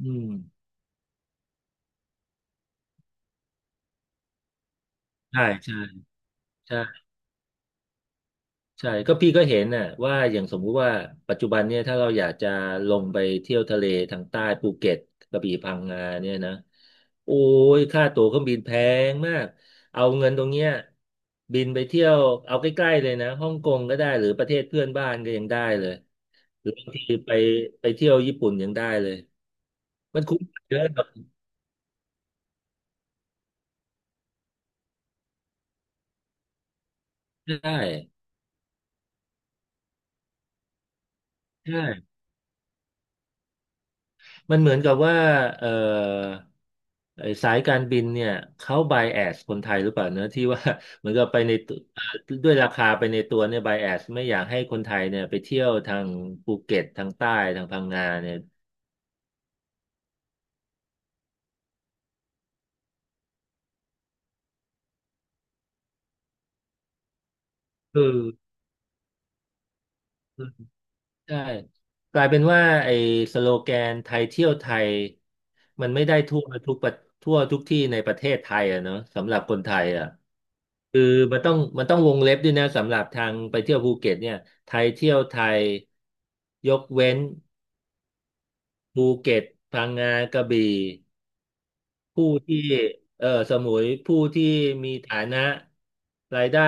อืมใช่ใช่ใช่ใช่ก็พี่ก็เห็นน่ะว่าอย่างสมมุติว่าปัจจุบันเนี่ยถ้าเราอยากจะลงไปเที่ยวทะเลทางใต้ภูเก็ตกระบี่พังงาเนี่ยนะโอ้ยค่าตั๋วเครื่องบินแพงมากเอาเงินตรงเนี้ยบินไปเที่ยวเอาใกล้ๆเลยนะฮ่องกงก็ได้หรือประเทศเพื่อนบ้านก็ยังได้เลยหรือบางทีไปเที่ยวญี่ปุ่นยังได้เลยมันคุ้มกว่าเยอะแบบได้ใช่ มันเหมือนกับว่าเอ่อไอ้สายการบินเนี่ยเขาไบแอสคนไทยหรือเปล่าเนอะที่ว่า เหมือนกับไปในตัวด้วยราคาไปในตัวเนี่ยไบแอสไม่อยากให้คนไทยเนี่ยไปเที่ยวทางภูเก็ตทางใต้ทางพังงาเนี่ยคืออใช่กลายเป็นว่าไอ้สโลแกนไทยเที่ยวไทยมันไม่ได้ทั่วทุกที่ในประเทศไทยอะเนอะสำหรับคนไทยอะ คือมันต้องวงเล็บด้วยนะสำหรับทางไปเที่ยวภูเก็ตเนี่ยไทยเที่ยวไทยยกเว้นภูเก็ตพังงากระบี่ผู้ที่เออสมุยผู้ที่มีฐานะรายได้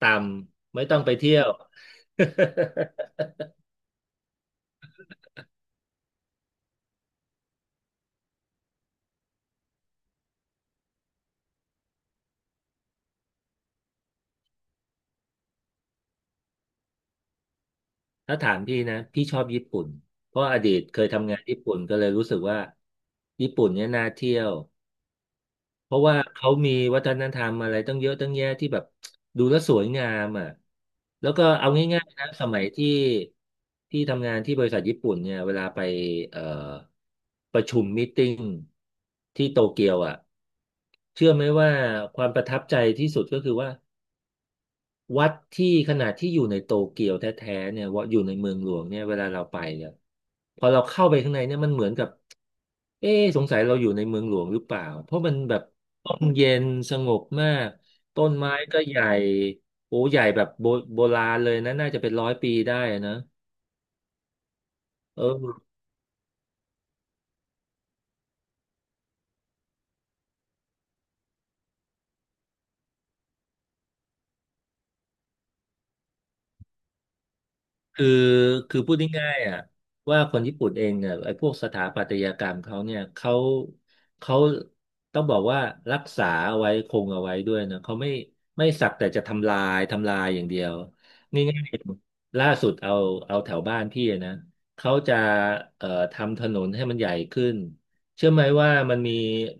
ต่ำไม่ต้องไปเที่ยว ถ้าถามพี่นะพี่ชอบญี่ปุ่นเพราะอดีตเคยทำงานญี่ปุ่นก็เลยรู้สึกว่าญี่ปุ่นเนี่ยน่าเที่ยว เพราะว่าเขามีวัฒนธรรมอะไรตั้งเยอะตั้งแยะที่แบบดูแล้วสวยงามอ่ะแล้วก็เอาง่ายๆนะสมัยที่ทำงานที่บริษัทญี่ปุ่นเนี่ยเวลาไปเอ่อประชุมมีตติ้งที่โตเกียวอ่ะเชื่อไหมว่าความประทับใจที่สุดก็คือว่า วัดที่ขนาดที่อยู่ในโตเกียวแท้ๆเนี่ยว่าอยู่ในเมืองหลวงเนี่ยเวลาเราไปเนี่ยพอเราเข้าไปข้างในเนี่ยมันเหมือนกับเอ๊ะสงสัยเราอยู่ในเมืองหลวงหรือเปล่าเพราะมันแบบร่มเย็นสงบมากต้นไม้ก็ใหญ่โอ้ใหญ่แบบโบราณเลยนะน่าจะเป็น100 ปีได้นะเออ คือคือพูดง่ายๆอ่ะว่าคนญี่ปุ่นเองเนี่ยไอ้พวกสถาปัตยกรรมเขาเนี่ยเขาต้องบอกว่ารักษาเอาไว้คงเอาไว้ด้วยนะเขาไม่สักแต่จะทำลายทำลายอย่างเดียวนี่ง่ายๆล่าสุดเอาแถวบ้านพี่นะเขาจะทำถนนให้มันใหญ่ขึ้นเชื่อไหมว่ามันมี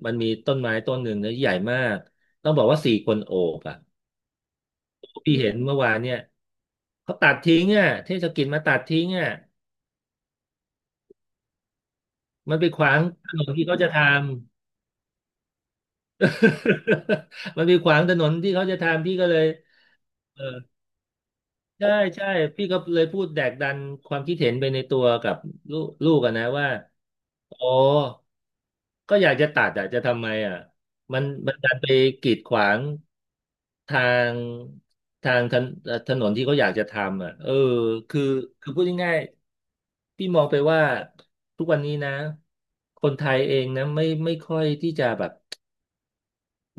มันมีต้นไม้ต้นหนึ่งนะใหญ่มากต้องบอกว่าสี่คนโอบอ่ะ พี่เห็นเมื่อวานเนี่ยเขาตัดทิ้งอ่ะเทศกิจมาตัดทิ้งอ่ะมันไปขวางถนนที่เขาจะทำ มันไปขวางถนนที่เขาจะทำพี่ก็เลยเออ ใช่ใช่พี่ก็เลยพูดแดกดันความคิดเห็นไปในตัวกับลูกลูกอะนะว่าโอ้ก็อยากจะตัดอะจะทำไมอะมันดันไปกีดขวางทางถนนที่เขาอยากจะทำอะเออคือคือพูดง่ายๆพี่มองไปว่าทุกวันนี้นะคนไทยเองนะไม่ค่อยที่จะแบบ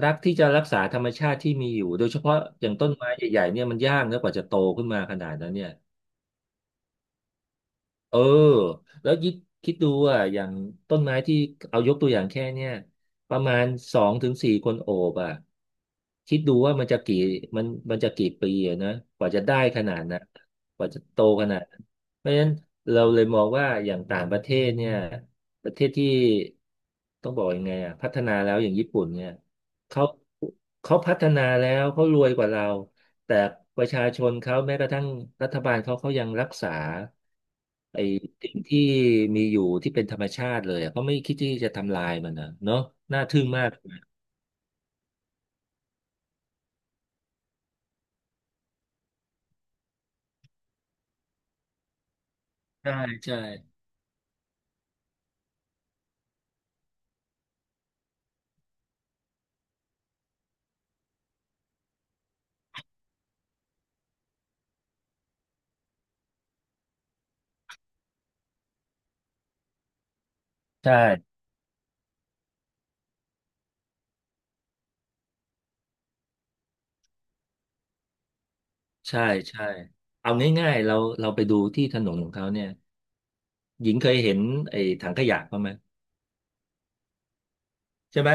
รักที่จะรักษาธรรมชาติที่มีอยู่โดยเฉพาะอย่างต้นไม้ใหญ่ๆเนี่ยมันยากนะกว่าจะโตขึ้นมาขนาดนั้นเนี่ย เออแล้วคิดดูอ่ะอย่างต้นไม้ที่เอายกตัวอย่างแค่เนี้ยประมาณสองถึงสี่คนโอบอ่ะคิดดูว่ามันมันจะกี่ปีอะนะกว่าจะได้ขนาดน่ะกว่าจะโตขนาดนั้นเพราะฉะนั้นเราเลยมองว่าอย่างต่างประเทศเนี่ยประเทศที่ต้องบอกยังไงอ่ะพัฒนาแล้วอย่างญี่ปุ่นเนี่ยเขาเขาพัฒนาแล้วเขารวยกว่าเราแต่ประชาชนเขาแม้กระทั่งรัฐบาลเขายังรักษา ไอ้สิ่งที่มีอยู่ที่เป็นธรรมชาติเลยอะเขาไม่คิดที่จะทำลายมันนะเนาะน่าทึ่งมากใช่ใช่ใช่ใช่ใช่เอาง่ายๆเราไปดูที่ถนนของเขาเนี่ยหญิงเคยเห็นไอ้ถังขยะเขางไหมใช่ไหม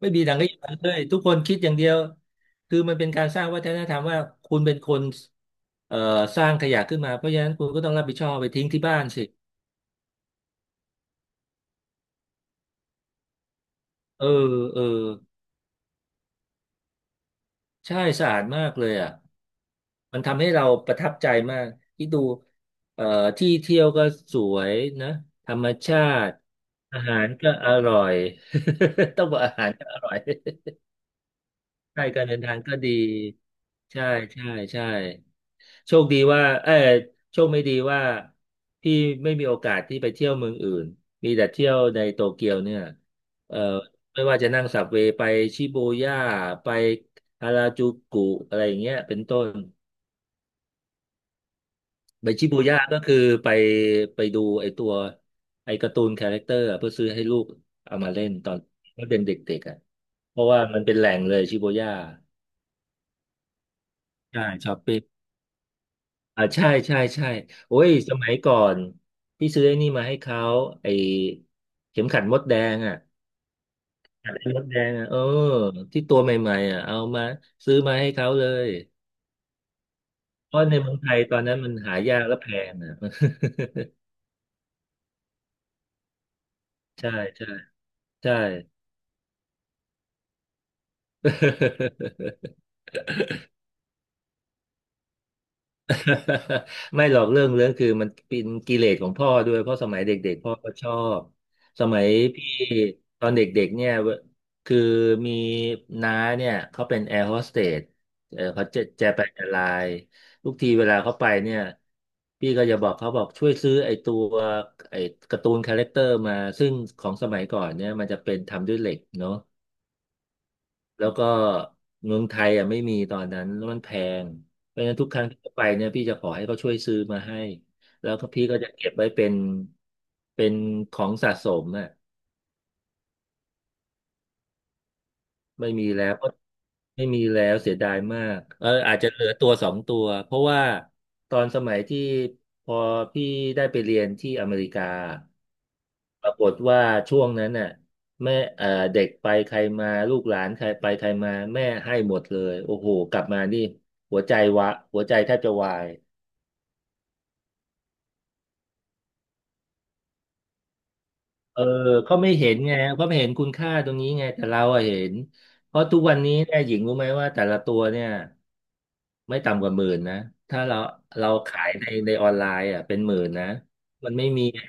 ไม่มีถังขยะเลยทุกคนคิดอย่างเดียวคือมันเป็นการสร้างวัฒนธรรมว่าคุณเป็นคนเอ่อสร้างขยะขึ้นมาเพราะฉะนั้นคุณก็ต้องรับผิดชอบไปทิ้งที่บ้านสิเออเออใช่สะอาดมากเลยอ่ะ มันทำให้เราประทับใจมากที่ดูเอ่อที่เที่ยวก็สวยนะธรรมชาติอาหารก็อร่อย ต้องบอกอาหารก็อร่อยใช่การเดินทางก็ดีใช่ใช่ใช่โชคดีว่าโชคไม่ดีว่าพี่ไม่มีโอกาสที่ไปเที่ยวเมืองอื่นมีแต่เที่ยวในโตเกียวเนี่ยเออไม่ว่าจะนั่งสับเวย์ไปชิบูย่าไปฮาราจูกุอะไรอย่างเงี้ยเป็นต้น ไปชิบูย่าก็คือไปไปดูไอการ์ตูนคาแรคเตอร์อะเพื่อซื้อให้ลูกเอามาเล่นตอนเขาเป็นเด็กๆอ่ะเพราะว่ามันเป็นแหล่งเลยชิบูย่าใช่ช้อปปิ้บอ่าใช่ใช่ใช่โอ้ยสมัยก่อนพี่ซื้อไอ้นี่มาให้เขาไอเข็มขัดมดแดงอ่ะขัดมดแดงอ่ะที่ตัวใหม่ๆอ่ะเอามาซื้อมาให้เขาเลยเพราะในเมืองไทยตอนนั้นมันหายากและแพงอ่ะ ใช่ใช่ใช่ ไม่หรอกเรื่องคือมันเป็นกิเลสของพ่อด้วยเพราะสมัยเด็กๆพ่อก็ชอบสมัยพี่ตอนเด็กๆเนี่ยคือมีน้าเนี่ยเขาเป็นแอร์โฮสเตสเขาจะไปแอร์ไลน์ทุกทีเวลาเขาไปเนี่ยพี่ก็จะบอกเขาบอกช่วยซื้อไอ้การ์ตูนคาแรคเตอร์มาซึ่งของสมัยก่อนเนี่ยมันจะเป็นทำด้วยเหล็กเนาะ แล้วก็เมืองไทยอ่ะไม่มีตอนนั้นแล้วมันแพง เพราะฉะนั้นทุกครั้งที่ไปเนี่ยพี่จะขอให้เขาช่วยซื้อมาให้แล้วก็พี่ก็จะเก็บไว้เป็นของสะสมอ่ะ ไม่มีแล้วไม่มีแล้วเสียดายมากอาจจะเหลือตัวสองตัวเพราะว่าตอนสมัยที่พอพี่ได้ไปเรียนที่อเมริกาปรากฏว่าช่วงนั้นน่ะแม่เด็กไปใครมาลูกหลานใครไปใครมาแม่ให้หมดเลยโอ้โหกลับมานี่หัวใจวะหัวใจแทบจะวาย เออเขาไม่เห็นไงเขาไม่เห็นคุณค่าตรงนี้ไงแต่เราอะเห็นเพราะทุกวันนี้เนี่ยหญิงรู้ไหมว่าแต่ละตัวเนี่ยไม่ต่ำกว่าหมื่นนะถ้าเราเราขายในในออนไลน์อ่ะเป็นหมื่นนะมันไม่มีอะ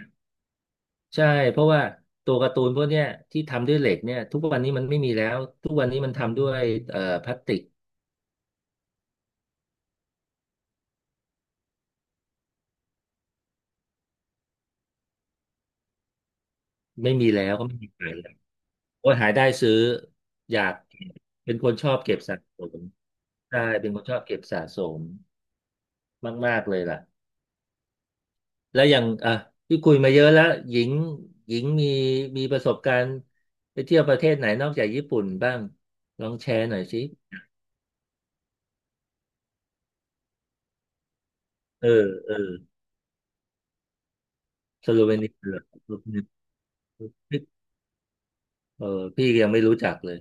ใช่เพราะว่าตัวการ์ตูนพวกเนี้ยที่ทำด้วยเหล็กเนี่ยทุกวันนี้มันไม่มีแล้วทุกวันนี้มันทำด้วยพลาสติกไม่มีแล้วก็ไม่มีขายแล้วคนหายได้ซื้ออยากเป็นคนชอบเก็บสะสมใช่เป็นคนชอบเก็บสะสมมากๆเลยล่ะ แล้วอย่างอ่ะที่คุยมาเยอะแล้วหญิงมีประสบการณ์ไปเที่ยวประเทศไหนนอกจากญี่ปุ่นบ้างลองแชร์หน่อยสิเออเออสโลเวเนียเหรอสโลเวเนียเออพี่ยังไม่รู้จักเลย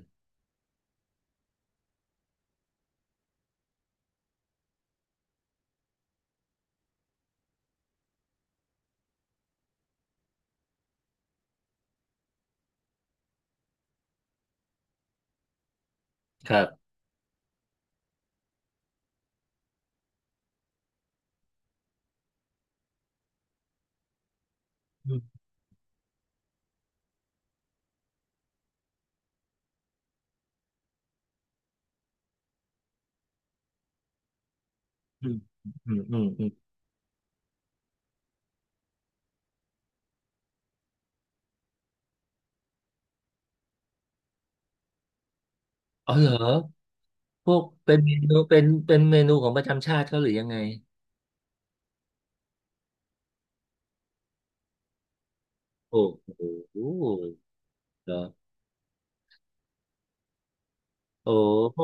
ครับอืมอืมอืมอืมอืมอ๋อเหรอพวกเป็นเมนูเป็นเป็นเมนูของประจำชาติเขาหรือยังไงโอ้โหเหรอโอ้โห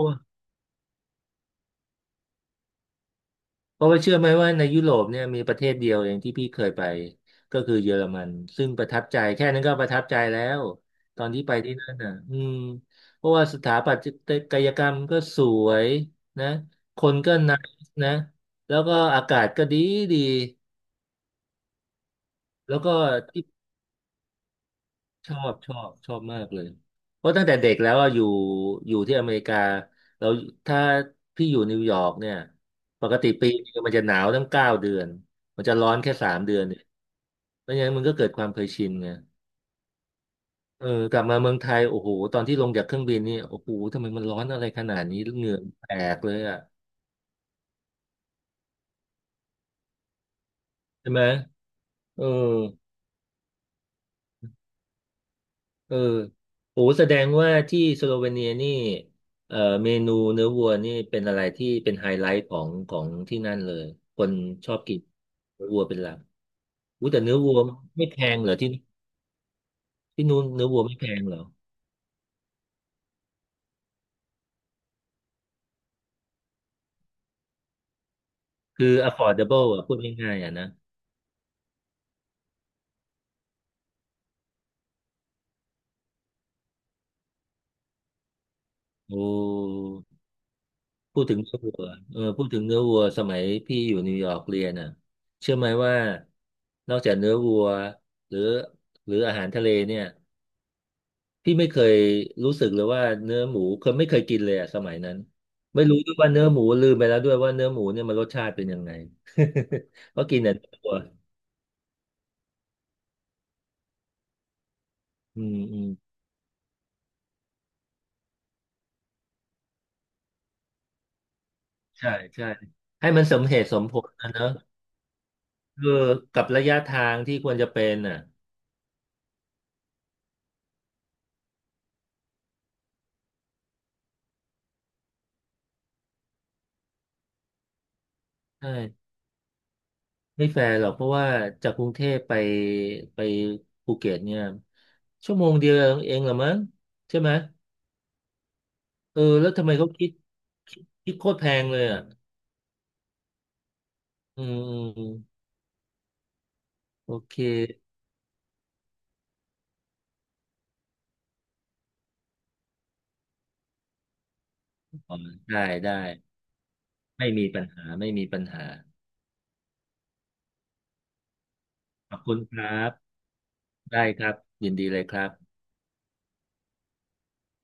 เพราะว่าเชื่อไหมว่าในยุโรปเนี่ยมีประเทศเดียวเองที่พี่เคยไปก็คือเยอรมันซึ่งประทับใจแค่นั้นก็ประทับใจแล้วตอนที่ไปที่นั่นน่ะเพราะว่าสถาปัตยกรรมก็สวยนะคนก็น่านะแล้วก็อากาศก็ดีดีแล้วก็ที่ชอบชอบชอบมากเลยเพราะตั้งแต่เด็กแล้วอะอยู่ที่อเมริกาเราถ้าพี่อยู่นิวยอร์กเนี่ยปกติปีนึงมันจะหนาวตั้ง9 เดือนมันจะร้อนแค่3 เดือน ไม่งั้นมันก็เกิดความเคยชินไงกลับมาเมืองไทยโอ้โหตอนที่ลงจากเครื่องบินนี่โอ้โหทำไมมันร้อนอะไรขนาดนี้เหงื่อแตกเลยอ่ะใช่ไหมเออเออโอ้แสดงว่าที่สโลเวเนียนี่เอ่อเมนูเนื้อวัวนี่เป็นอะไรที่เป็นไฮไลท์ของของที่นั่นเลย คนชอบกินเนื้อวัวเป็นหลักอู้แต่เนื้อวัวไม่แพงเหรอที่ที่นู้นเนื้อวัวไม่แพงเหรอ คือ affordable อ่ะพูดง่ายๆอ่ะนะโอ้ พูดถึงเนื้อวัวเออพูดถึงเนื้อวัวสมัยพี่อยู่นิวยอร์กเรียนน่ะเชื่อไหมว่านอกจากเนื้อวัวหรือหรืออาหารทะเลเนี่ยพี่ไม่เคยรู้สึกเลยว่าเนื้อหมูเคยไม่เคยกินเลยอะสมัยนั้นไม่รู้ด้วยว่าเนื้อหมูลืมไปแล้วด้วยว่าเนื้อหมูเนี่ยมันรสชาติเป็นยังไง เพราะกินแต่เนื้อวัวอืมอืมใช่ใช่ให้มันสมเหตุสมผลนะเนอะคือกับระยะทางที่ควรจะเป็นน่ะใช่ ไม่แฟร์หรอกเพราะว่าจากกรุงเทพไปภูเก็ตเนี่ยชั่วโมงเดียวเองเหรอมั้งใช่ไหมเออแล้วทำไมเขาคิดคิดโคตรแพงเลยอ่ะอืมอืมอืมโอเคอ๋อได้ได้ไม่มีปัญหาไม่มีปัญหาขอบคุณครับได้ครับยินดีเลยครับ